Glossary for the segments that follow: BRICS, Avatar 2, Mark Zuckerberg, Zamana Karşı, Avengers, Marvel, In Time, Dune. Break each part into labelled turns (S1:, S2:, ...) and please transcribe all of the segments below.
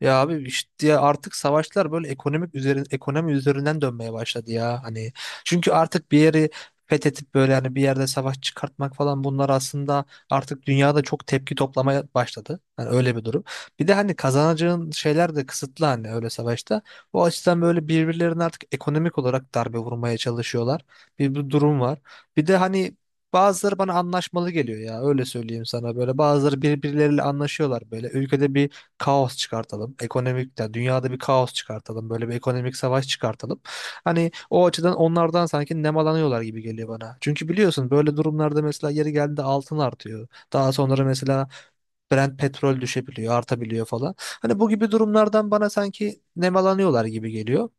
S1: Ya abi işte ya artık savaşlar böyle ekonomi üzerinden dönmeye başladı ya. Hani çünkü artık bir yeri fethedip böyle hani bir yerde savaş çıkartmak falan bunlar aslında artık dünyada çok tepki toplamaya başladı. Hani öyle bir durum. Bir de hani kazanacağın şeyler de kısıtlı hani öyle savaşta. O açıdan böyle birbirlerine artık ekonomik olarak darbe vurmaya çalışıyorlar. Bir durum var. Bir de hani bazıları bana anlaşmalı geliyor ya, öyle söyleyeyim sana, böyle bazıları birbirleriyle anlaşıyorlar, böyle ülkede kaos çıkartalım. Ekonomik, yani dünyada bir kaos çıkartalım. Böyle bir ekonomik savaş çıkartalım. Hani o açıdan onlardan sanki nemalanıyorlar gibi geliyor bana. Çünkü biliyorsun böyle durumlarda mesela yeri geldiğinde altın artıyor. Daha sonra mesela Brent petrol düşebiliyor, artabiliyor falan. Hani bu gibi durumlardan bana sanki nemalanıyorlar gibi geliyor.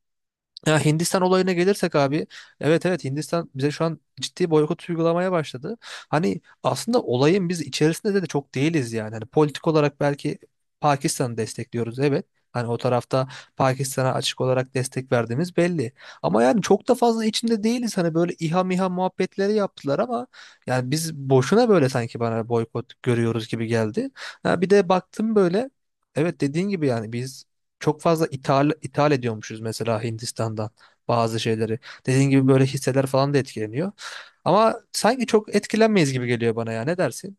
S1: Ya Hindistan olayına gelirsek abi, evet evet, Hindistan bize şu an ciddi boykot uygulamaya başladı. Hani aslında olayın biz içerisinde de çok değiliz yani. Hani politik olarak belki Pakistan'ı destekliyoruz, evet. Hani o tarafta Pakistan'a açık olarak destek verdiğimiz belli. Ama yani çok da fazla içinde değiliz. Hani böyle İHA MİHA muhabbetleri yaptılar ama yani biz boşuna böyle sanki, bana boykot görüyoruz gibi geldi. Ha, bir de baktım böyle, evet, dediğin gibi yani biz çok fazla ithal ediyormuşuz mesela Hindistan'dan bazı şeyleri. Dediğin gibi böyle hisseler falan da etkileniyor. Ama sanki çok etkilenmeyiz gibi geliyor bana ya. Ne dersin?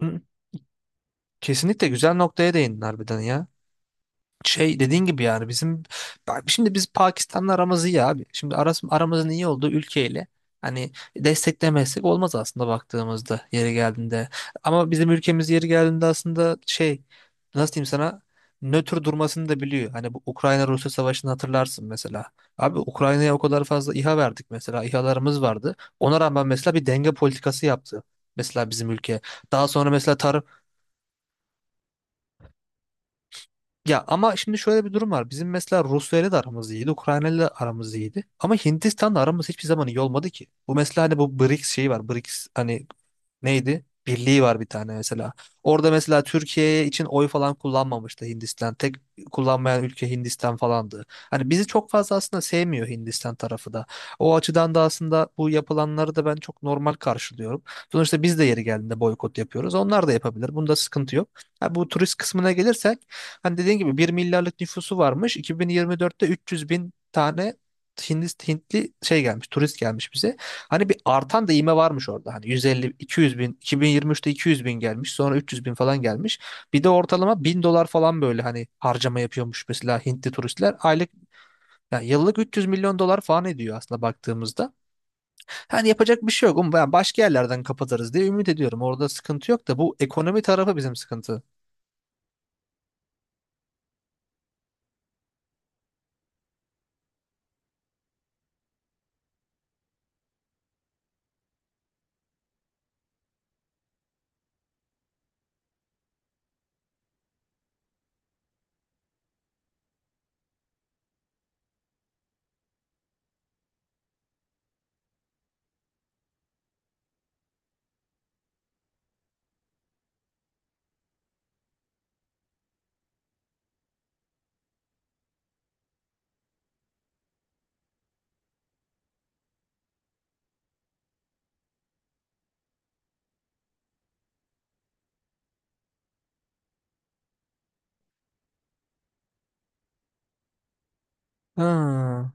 S1: Hı. Kesinlikle güzel noktaya değindin harbiden ya. Şey, dediğin gibi yani bizim, bak şimdi biz Pakistan'la aramız iyi abi. Şimdi aramızın iyi olduğu ülkeyle hani desteklemezsek olmaz aslında, baktığımızda yeri geldiğinde. Ama bizim ülkemiz yeri geldiğinde aslında şey, nasıl diyeyim sana, nötr durmasını da biliyor. Hani bu Ukrayna-Rusya savaşını hatırlarsın mesela. Abi Ukrayna'ya o kadar fazla İHA verdik mesela. İHA'larımız vardı. Ona rağmen mesela bir denge politikası yaptı. Mesela bizim ülke. Daha sonra mesela tarım, ya ama şimdi şöyle bir durum var. Bizim mesela Rusya ile de aramız iyiydi, Ukrayna ile de aramız iyiydi. Ama Hindistan'la aramız hiçbir zaman iyi olmadı ki. Bu mesela hani bu BRICS şeyi var. BRICS hani neydi? Birliği var bir tane mesela. Orada mesela Türkiye için oy falan kullanmamıştı Hindistan. Tek kullanmayan ülke Hindistan falandı. Hani bizi çok fazla aslında sevmiyor Hindistan tarafı da. O açıdan da aslında bu yapılanları da ben çok normal karşılıyorum. Sonuçta biz de yeri geldiğinde boykot yapıyoruz. Onlar da yapabilir. Bunda sıkıntı yok. Ha, bu turist kısmına gelirsek, hani dediğin gibi bir milyarlık nüfusu varmış. 2024'te 300 bin tane Hintli şey gelmiş, turist gelmiş bize. Hani bir artan da ivme varmış orada. Hani 150, 200 bin, 2023'te 200 bin gelmiş. Sonra 300 bin falan gelmiş. Bir de ortalama 1000 dolar falan böyle hani harcama yapıyormuş mesela Hintli turistler. Aylık, yani yıllık 300 milyon dolar falan ediyor aslında baktığımızda. Hani yapacak bir şey yok. Ama ben başka yerlerden kapatırız diye ümit ediyorum. Orada sıkıntı yok da bu ekonomi tarafı bizim sıkıntı. Ha.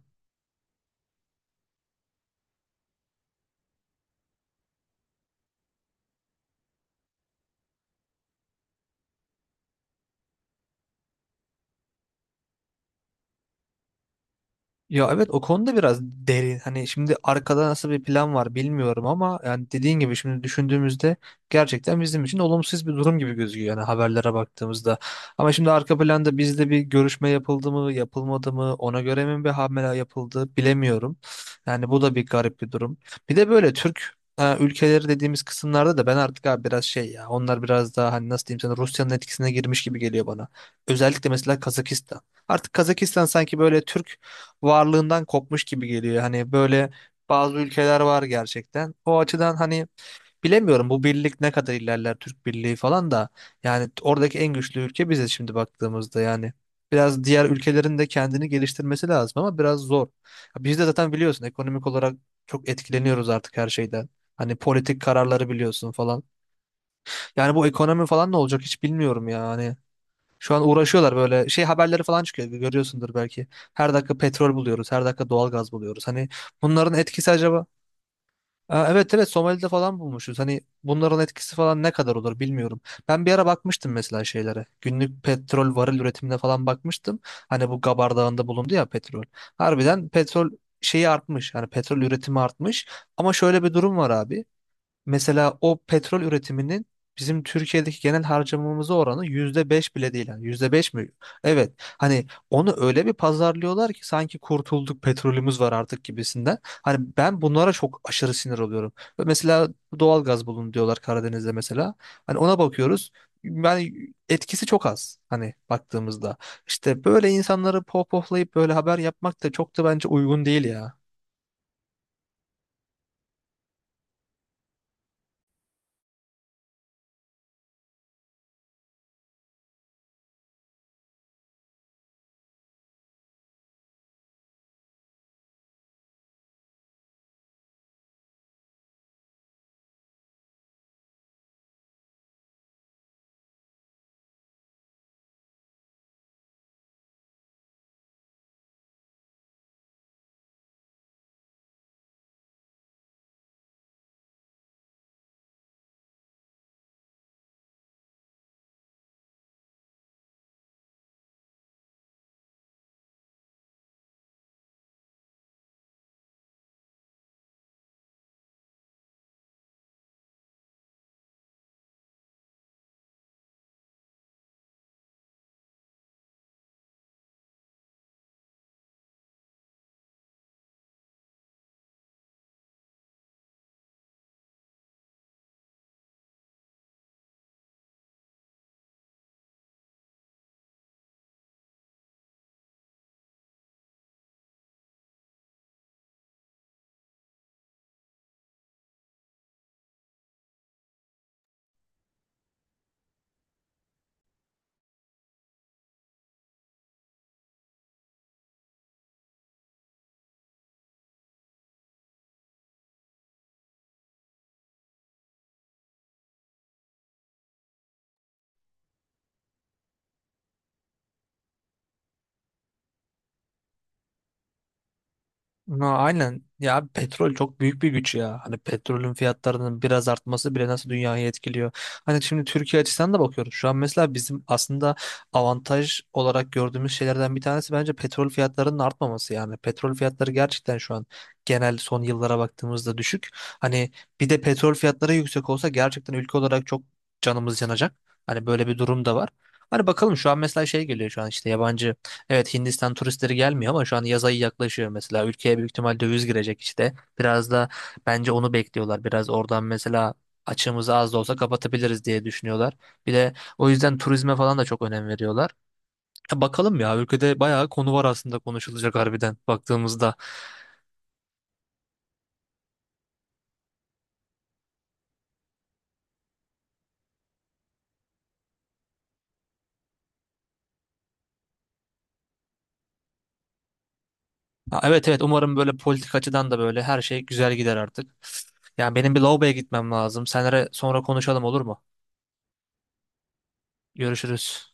S1: Ya evet, o konuda biraz derin. Hani şimdi arkada nasıl bir plan var bilmiyorum ama yani dediğin gibi şimdi düşündüğümüzde gerçekten bizim için olumsuz bir durum gibi gözüküyor yani haberlere baktığımızda. Ama şimdi arka planda bizde bir görüşme yapıldı mı, yapılmadı mı, ona göre mi bir hamle yapıldı bilemiyorum. Yani bu da bir garip bir durum. Bir de böyle ülkeleri dediğimiz kısımlarda da ben artık abi biraz şey, ya onlar biraz daha hani nasıl diyeyim sana, Rusya'nın etkisine girmiş gibi geliyor bana. Özellikle mesela Kazakistan. Artık Kazakistan sanki böyle Türk varlığından kopmuş gibi geliyor. Hani böyle bazı ülkeler var gerçekten. O açıdan hani bilemiyorum bu birlik ne kadar ilerler, Türk Birliği falan da. Yani oradaki en güçlü ülke bize şimdi baktığımızda yani. Biraz diğer ülkelerin de kendini geliştirmesi lazım ama biraz zor. Ya biz de zaten biliyorsun ekonomik olarak çok etkileniyoruz artık her şeyden. Hani politik kararları biliyorsun falan. Yani bu ekonomi falan ne olacak hiç bilmiyorum ya. Hani şu an uğraşıyorlar, böyle şey haberleri falan çıkıyor, görüyorsundur belki. Her dakika petrol buluyoruz, her dakika doğal gaz buluyoruz. Hani bunların etkisi acaba? Aa, evet evet, Somali'de falan bulmuşuz. Hani bunların etkisi falan ne kadar olur bilmiyorum. Ben bir ara bakmıştım mesela şeylere. Günlük petrol varil üretimine falan bakmıştım. Hani bu Gabar Dağı'nda bulundu ya petrol. Harbiden petrol şeyi artmış. Hani petrol üretimi artmış. Ama şöyle bir durum var abi. Mesela o petrol üretiminin bizim Türkiye'deki genel harcamamıza oranı %5 bile değil. Yani yüzde beş mi? Evet. Hani onu öyle bir pazarlıyorlar ki sanki kurtulduk, petrolümüz var artık gibisinden. Hani ben bunlara çok aşırı sinir oluyorum. Ve mesela doğalgaz bulun diyorlar Karadeniz'de mesela. Hani ona bakıyoruz. Yani etkisi çok az hani baktığımızda. İşte böyle insanları pohpohlayıp böyle haber yapmak da çok da bence uygun değil ya. Ha, aynen ya abi, petrol çok büyük bir güç ya, hani petrolün fiyatlarının biraz artması bile nasıl dünyayı etkiliyor. Hani şimdi Türkiye açısından da bakıyoruz şu an mesela, bizim aslında avantaj olarak gördüğümüz şeylerden bir tanesi bence petrol fiyatlarının artmaması. Yani petrol fiyatları gerçekten şu an genel son yıllara baktığımızda düşük. Hani bir de petrol fiyatları yüksek olsa gerçekten ülke olarak çok canımız yanacak. Hani böyle bir durum da var. Hani bakalım, şu an mesela şey geliyor şu an işte, yabancı, evet Hindistan turistleri gelmiyor ama şu an yaz ayı yaklaşıyor mesela. Ülkeye büyük ihtimal döviz girecek işte. Biraz da bence onu bekliyorlar. Biraz oradan mesela açığımızı az da olsa kapatabiliriz diye düşünüyorlar. Bir de o yüzden turizme falan da çok önem veriyorlar. Ya bakalım ya, ülkede bayağı konu var aslında konuşulacak, harbiden baktığımızda. Ha, evet evet, umarım böyle politik açıdan da böyle her şey güzel gider artık. Yani benim bir lavaboya gitmem lazım. Senere sonra konuşalım, olur mu? Görüşürüz.